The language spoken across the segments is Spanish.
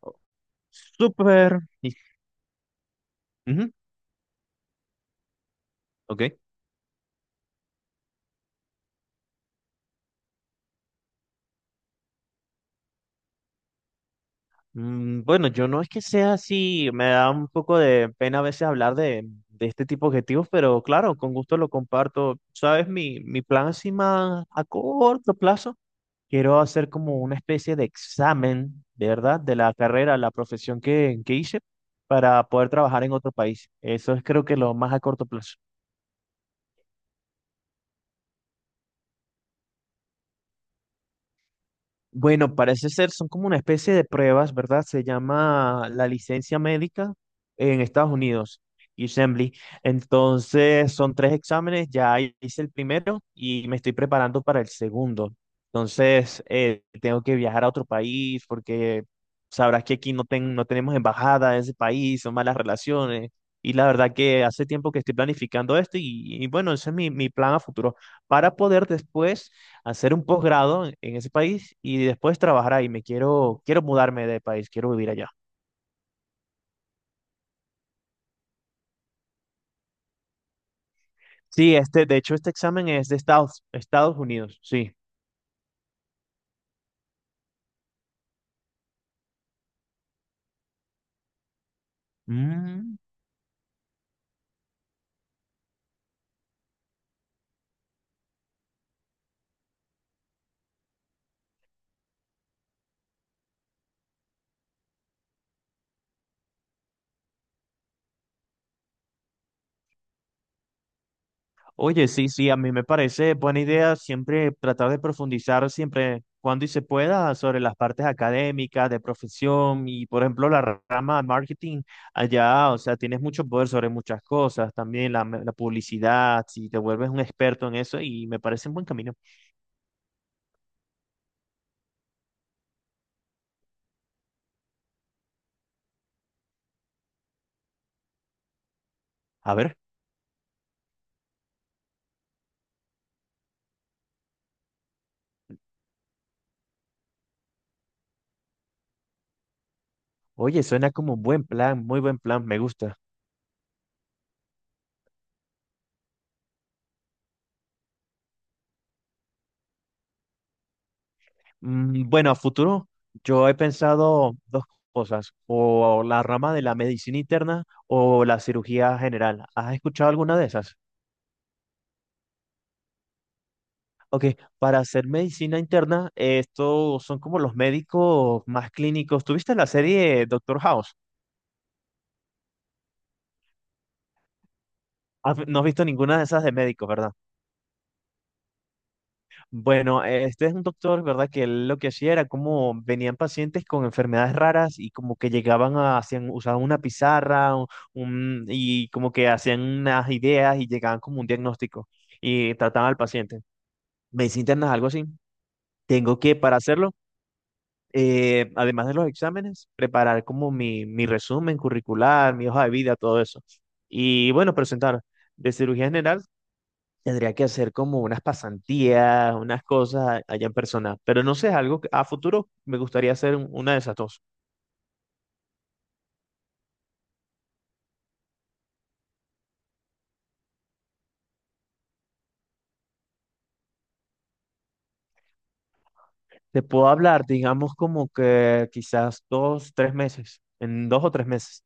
Oh, Súper. Ujú. Ok. Bueno, yo no es que sea así, me da un poco de pena a veces hablar de este tipo de objetivos, pero claro, con gusto lo comparto. ¿Sabes? Mi plan así más a corto plazo, quiero hacer como una especie de examen, de verdad, de la carrera, la profesión que hice para poder trabajar en otro país. Eso es creo que lo más a corto plazo. Bueno, parece ser, son como una especie de pruebas, ¿verdad? Se llama la licencia médica en Estados Unidos, Assembly. Entonces, son tres exámenes, ya hice el primero y me estoy preparando para el segundo. Entonces, tengo que viajar a otro país porque sabrás que aquí no, no tenemos embajada en ese país, son malas relaciones. Y la verdad que hace tiempo que estoy planificando esto y bueno, ese es mi plan a futuro para poder después hacer un posgrado en ese país y después trabajar ahí. Quiero mudarme de país, quiero vivir allá. Sí, este, de hecho, este examen es de Estados Unidos, sí. Mm, Oye, sí, sí, a mí me parece buena idea siempre tratar de profundizar siempre cuando y se pueda sobre las partes académicas, de profesión y, por ejemplo, la rama de marketing allá, o sea, tienes mucho poder sobre muchas cosas, también la publicidad, si te vuelves un experto en eso y me parece un buen camino. A ver. Oye, suena como un buen plan, muy buen plan, me gusta. Bueno, a futuro yo he pensado dos cosas, o la rama de la medicina interna o la cirugía general. ¿Has escuchado alguna de esas? Ok, para hacer medicina interna, estos son como los médicos más clínicos. ¿Tuviste la serie Doctor House? No has visto ninguna de esas de médicos, ¿verdad? Bueno, este es un doctor, ¿verdad? Que él lo que hacía era como venían pacientes con enfermedades raras y como que llegaban a, hacían, usaban una pizarra y como que hacían unas ideas y llegaban como un diagnóstico y trataban al paciente. Medicina interna es algo así. Tengo que, para hacerlo, además de los exámenes, preparar como mi resumen curricular, mi hoja de vida, todo eso. Y bueno, presentar. De cirugía general tendría que hacer como unas pasantías, unas cosas allá en persona, pero no sé, es algo que a futuro me gustaría hacer una de esas dos. Te puedo hablar, digamos, como que quizás 2, 3 meses, en 2 o 3 meses.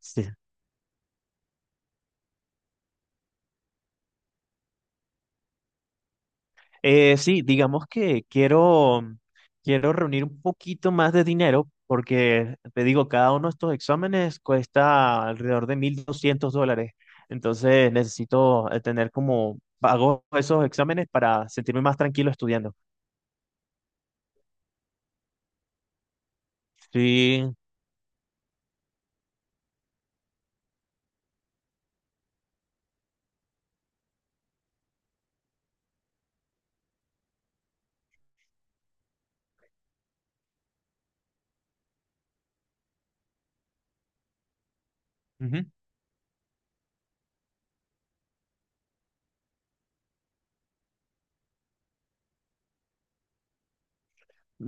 Sí, sí, digamos que quiero reunir un poquito más de dinero porque, te digo, cada uno de estos exámenes cuesta alrededor de $1.200, entonces necesito tener como, pago esos exámenes para sentirme más tranquilo estudiando. Sí, Ujú.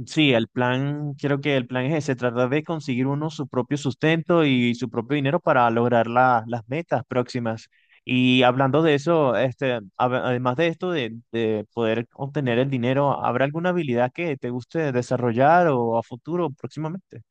Sí, el plan, creo que el plan es ese, tratar de conseguir uno su propio sustento y su propio dinero para lograr las metas próximas. Y hablando de eso, este, además de esto de poder obtener el dinero, ¿habrá alguna habilidad que te guste desarrollar o a futuro próximamente?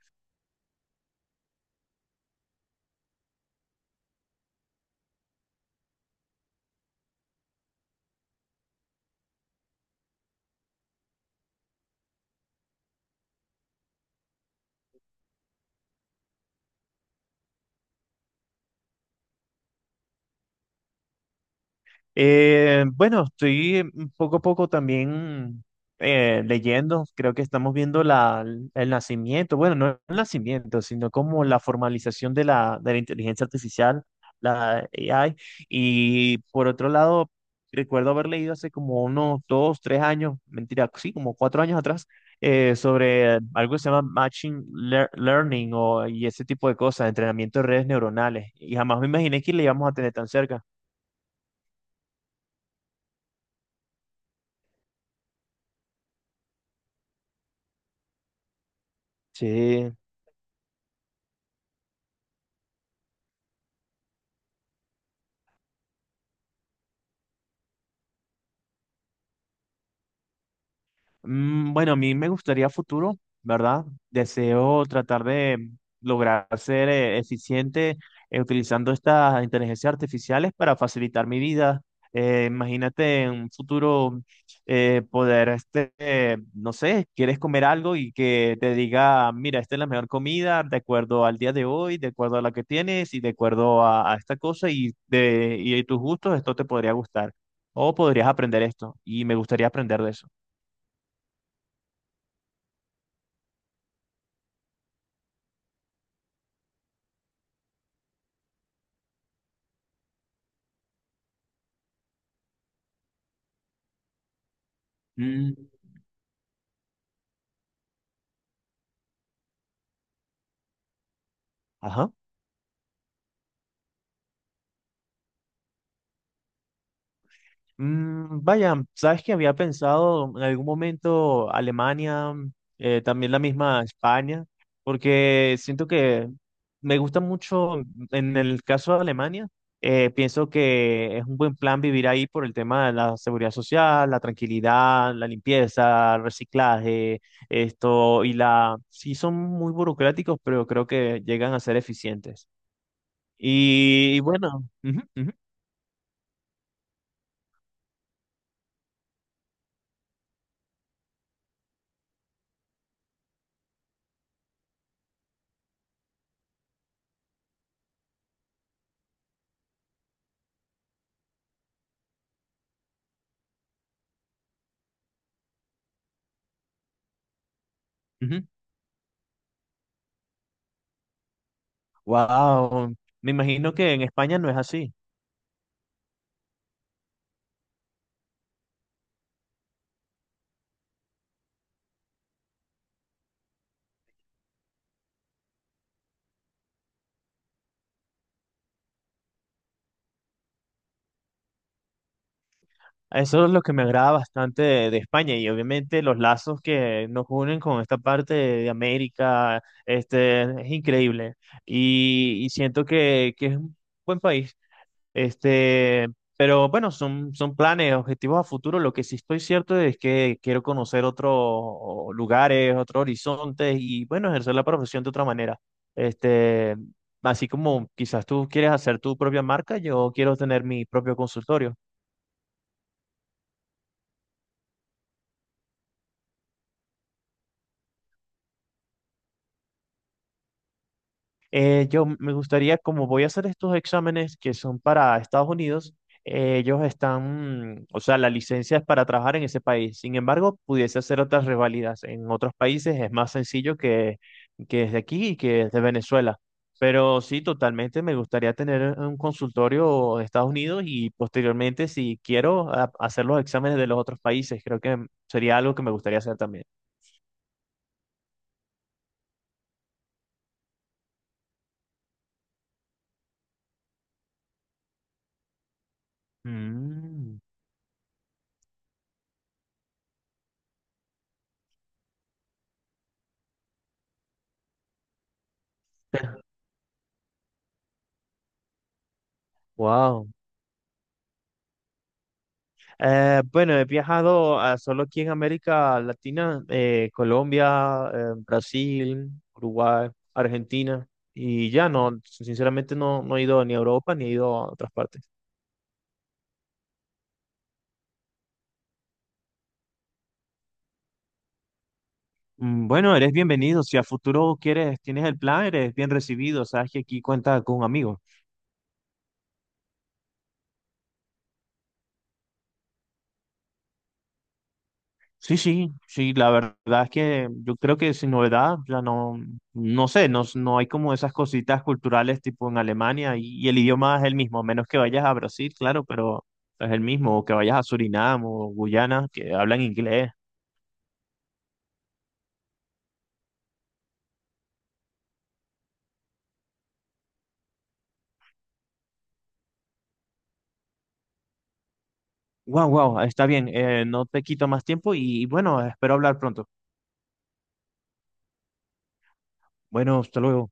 Bueno, estoy un poco a poco también leyendo, creo que estamos viendo el nacimiento, bueno, no el nacimiento, sino como la formalización de la inteligencia artificial, la AI. Y por otro lado, recuerdo haber leído hace como unos 2, 3 años, mentira, sí, como 4 años atrás, sobre algo que se llama Machine Learning o, y ese tipo de cosas, entrenamiento de redes neuronales. Y jamás me imaginé que le íbamos a tener tan cerca. Sí. Bueno, a mí me gustaría a futuro, ¿verdad? Deseo tratar de lograr ser eficiente utilizando estas inteligencias artificiales para facilitar mi vida. Imagínate en un futuro poder, este, no sé, quieres comer algo y que te diga, mira, esta es la mejor comida de acuerdo al día de hoy, de acuerdo a la que tienes y de acuerdo a esta cosa y de y tus gustos, esto te podría gustar o podrías aprender esto y me gustaría aprender de eso. Ajá. Vaya, sabes que había pensado en algún momento Alemania, también la misma España, porque siento que me gusta mucho, en el caso de Alemania, pienso que es un buen plan vivir ahí por el tema de la seguridad social, la tranquilidad, la limpieza, el reciclaje, esto y la... Sí, son muy burocráticos, pero creo que llegan a ser eficientes. Y bueno. Ujú, ujú, ujú. Wow, me imagino que en España no es así. Eso es lo que me agrada bastante de España y obviamente los lazos que nos unen con esta parte de América, este, es increíble y siento que es un buen país. Este, pero bueno, son planes, objetivos a futuro. Lo que sí estoy cierto es que quiero conocer otros lugares, otros horizontes y bueno, ejercer la profesión de otra manera. Este, así como quizás tú quieres hacer tu propia marca, yo quiero tener mi propio consultorio. Yo me gustaría, como voy a hacer estos exámenes que son para Estados Unidos, ellos están, o sea, la licencia es para trabajar en ese país. Sin embargo, pudiese hacer otras revalidas en otros países, es más sencillo que desde aquí y que desde Venezuela. Pero sí, totalmente me gustaría tener un consultorio de Estados Unidos y posteriormente, si quiero, hacer los exámenes de los otros países. Creo que sería algo que me gustaría hacer también. Mm, wow. Bueno, he viajado solo aquí en América Latina, Colombia, Brasil, Uruguay, Argentina y ya no, sinceramente no, no he ido ni a Europa ni he ido a otras partes. Bueno, eres bienvenido. Si a futuro quieres, tienes el plan, eres bien recibido. Sabes que aquí cuentas con un amigo. Sí, sí, sí, la verdad es que yo creo que sin novedad, ya no, no sé, no hay como esas cositas culturales tipo en Alemania y el idioma es el mismo, a menos que vayas a Brasil, claro, pero es el mismo, o que vayas a Surinam o Guyana, que hablan inglés. Wow, wow, está bien, no te quito más tiempo y bueno, espero hablar pronto. Bueno, hasta luego.